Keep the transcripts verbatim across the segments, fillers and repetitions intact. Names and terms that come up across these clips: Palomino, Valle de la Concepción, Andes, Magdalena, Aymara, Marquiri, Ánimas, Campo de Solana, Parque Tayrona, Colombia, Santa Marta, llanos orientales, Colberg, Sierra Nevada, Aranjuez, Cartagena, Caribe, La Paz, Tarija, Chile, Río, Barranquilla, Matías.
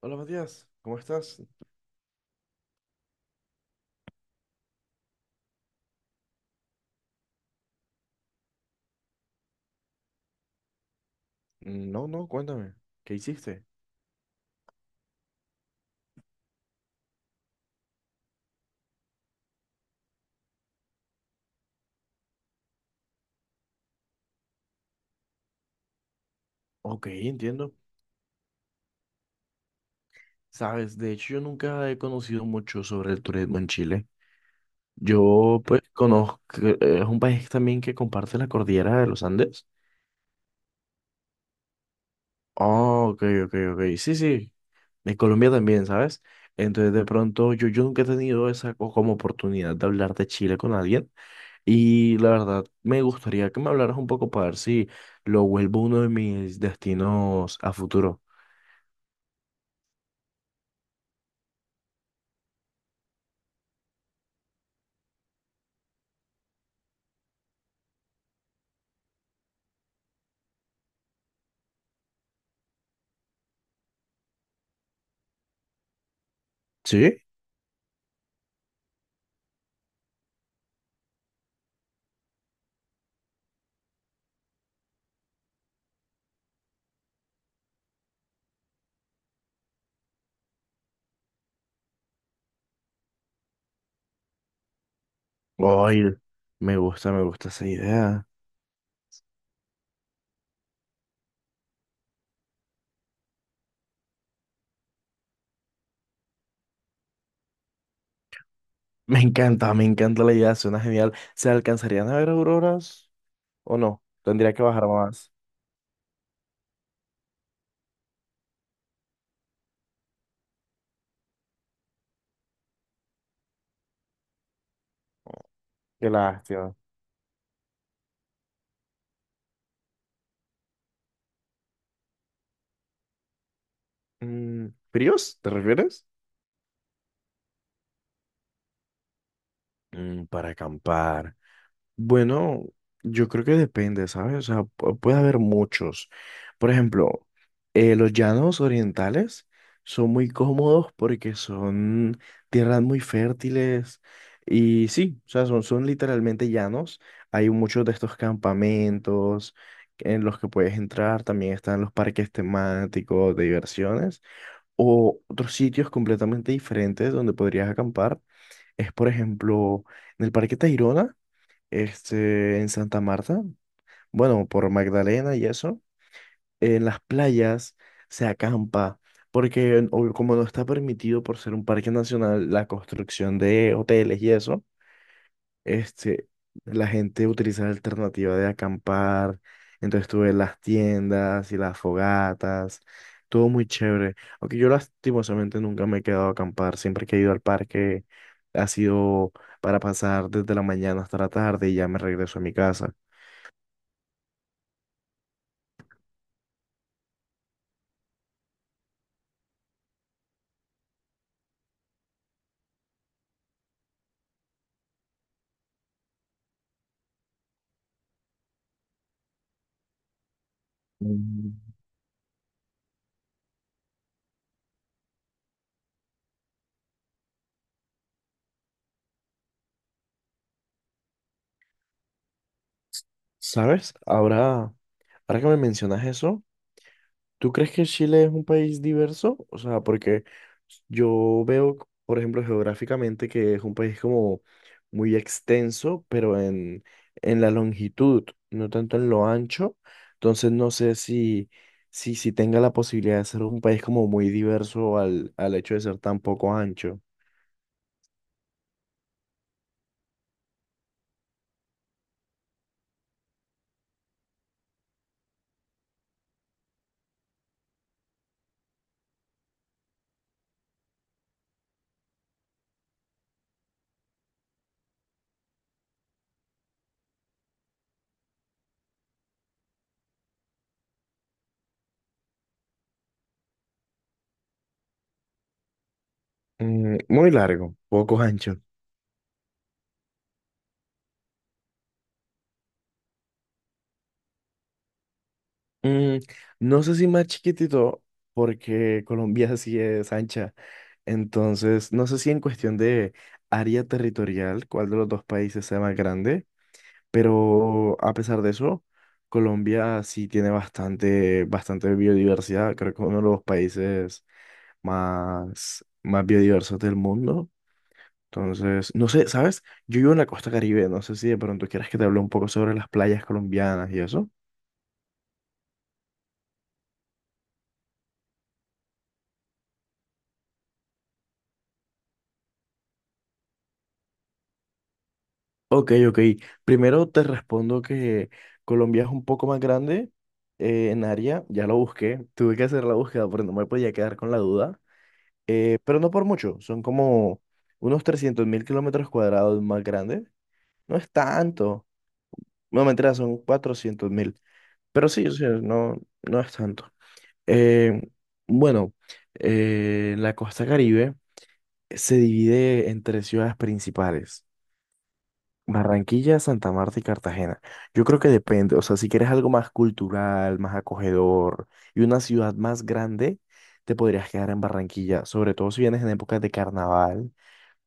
Hola Matías, ¿cómo estás? Mm, No, no, cuéntame, ¿qué hiciste? Ok, entiendo. Sabes, de hecho yo nunca he conocido mucho sobre el turismo en Chile. Yo pues conozco, es un país también que comparte la cordillera de los Andes. Oh, ok, ok, ok, sí, sí. De Colombia también, ¿sabes? Entonces de pronto yo, yo nunca he tenido esa co- como oportunidad de hablar de Chile con alguien y la verdad me gustaría que me hablaras un poco para ver si lo vuelvo uno de mis destinos a futuro. Sí, ay, me gusta, me gusta esa idea. Me encanta, me encanta la idea, suena genial. ¿Se alcanzarían a ver auroras o no? Tendría que bajar más. Qué lástima. Mm, ¿fríos? ¿Te refieres? Mm, para acampar. Bueno, yo creo que depende, ¿sabes? O sea, pu- puede haber muchos. Por ejemplo, eh, los llanos orientales son muy cómodos porque son tierras muy fértiles y sí, o sea, son, son literalmente llanos. Hay muchos de estos campamentos en los que puedes entrar. También están los parques temáticos de diversiones o otros sitios completamente diferentes donde podrías acampar. Es, por ejemplo, en el Parque Tayrona este, en Santa Marta, bueno, por Magdalena y eso, en las playas se acampa, porque en- o- como no está permitido por ser un parque nacional la construcción de hoteles y eso, este, la gente utiliza la alternativa de acampar, entonces tuve las tiendas y las fogatas, todo muy chévere, aunque yo lastimosamente nunca me he quedado a acampar, siempre que he ido al parque ha sido para pasar desde la mañana hasta la tarde y ya me regreso a mi casa. Mm, ¿sabes? Ahora, ahora que me mencionas eso, ¿tú crees que Chile es un país diverso? O sea, porque yo veo, por ejemplo, geográficamente que es un país como muy extenso, pero en, en la longitud, no tanto en lo ancho. Entonces no sé si, si, si tenga la posibilidad de ser un país como muy diverso al, al hecho de ser tan poco ancho. Mm, muy largo, poco ancho. Mm, no sé si más chiquitito, porque Colombia sí es ancha. Entonces, no sé si en cuestión de área territorial, cuál de los dos países sea más grande, pero a pesar de eso, Colombia sí tiene bastante, bastante biodiversidad. Creo que uno de los países más, más biodiversos del mundo. Entonces, no sé, ¿sabes? Yo vivo en la costa Caribe, no sé si de pronto quieras que te hable un poco sobre las playas colombianas y eso. Ok, ok. Primero te respondo que Colombia es un poco más grande eh, en área. Ya lo busqué. Tuve que hacer la búsqueda porque no me podía quedar con la duda. Eh, pero no por mucho. Son como unos trescientos mil kilómetros cuadrados más grandes. No es tanto. No, mentira, son cuatrocientos mil. Pero sí, o sea, no, no es tanto. Eh, bueno, eh, la costa Caribe se divide en tres ciudades principales. Barranquilla, Santa Marta y Cartagena. Yo creo que depende, o sea, si quieres algo más cultural, más acogedor y una ciudad más grande, te podrías quedar en Barranquilla, sobre todo si vienes en épocas de carnaval.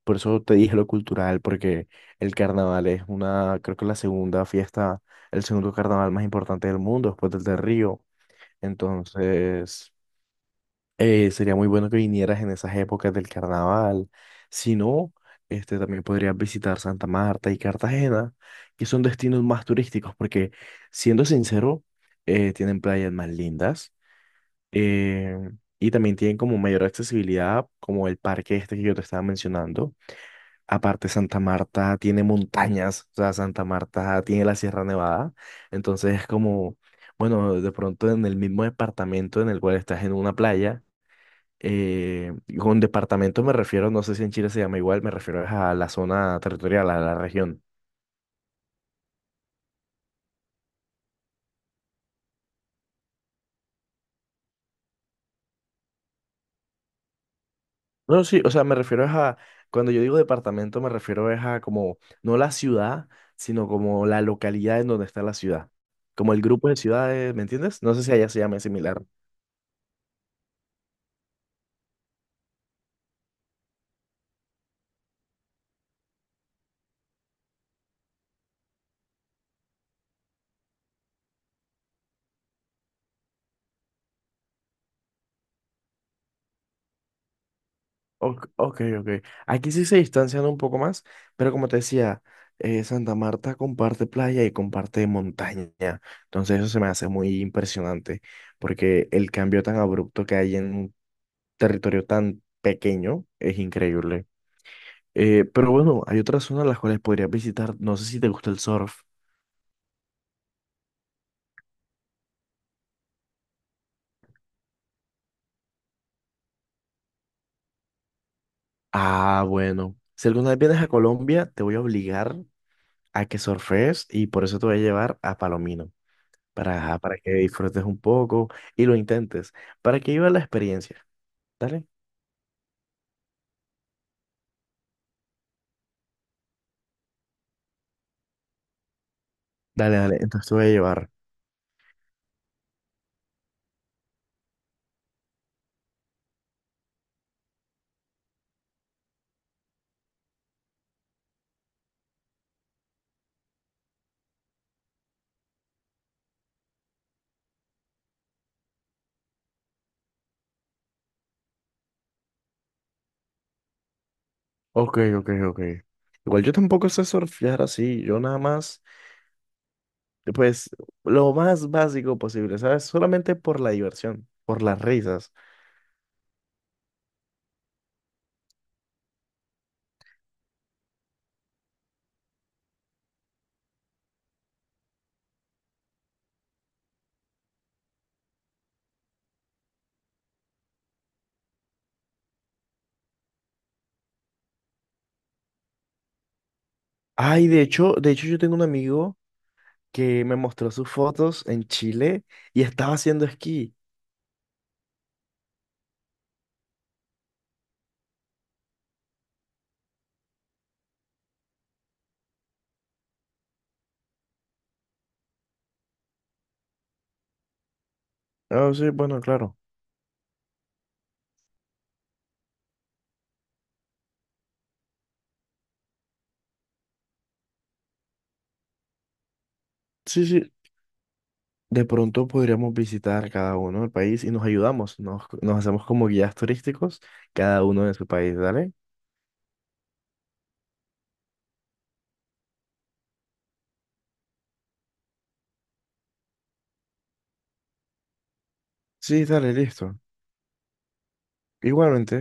Por eso te dije lo cultural, porque el carnaval es una, creo que la segunda fiesta, el segundo carnaval más importante del mundo, después del de Río. Entonces, eh, sería muy bueno que vinieras en esas épocas del carnaval. Si no, este, también podrías visitar Santa Marta y Cartagena, que son destinos más turísticos, porque siendo sincero, eh, tienen playas más lindas eh, y también tienen como mayor accesibilidad, como el parque este que yo te estaba mencionando. Aparte, Santa Marta tiene montañas, o sea, Santa Marta tiene la Sierra Nevada, entonces es como, bueno, de pronto en el mismo departamento en el cual estás en una playa eh, con departamento me refiero, no sé si en Chile se llama igual, me refiero es a la zona territorial, a la región. No, sí, o sea, me refiero es a, cuando yo digo departamento, me refiero es a como, no la ciudad, sino como la localidad en donde está la ciudad. Como el grupo de ciudades, ¿me entiendes? No sé si allá se llama similar. Ok, ok. ok. Aquí sí se distancian un poco más, pero como te decía, eh, Santa Marta comparte playa y comparte montaña. Entonces eso se me hace muy impresionante, porque el cambio tan abrupto que hay en un territorio tan pequeño es increíble. Eh, pero bueno, hay otras zonas las cuales podrías visitar. No sé si te gusta el surf. Ah, bueno. Si alguna vez vienes a Colombia, te voy a obligar a que surfees y por eso te voy a llevar a Palomino. Para, ajá, para que disfrutes un poco y lo intentes, para que vivas la experiencia. Dale, dale, dale, entonces te voy a llevar. Ok, ok, ok. Igual yo tampoco sé surfear así, yo nada más, pues, lo más básico posible, ¿sabes? Solamente por la diversión, por las risas. Ay, de hecho, de hecho yo tengo un amigo que me mostró sus fotos en Chile y estaba haciendo esquí. Ah, sí, bueno, claro. Sí, sí, de pronto podríamos visitar cada uno el país y nos ayudamos, nos, nos hacemos como guías turísticos, cada uno de su país, ¿dale? Sí, dale, listo. Igualmente.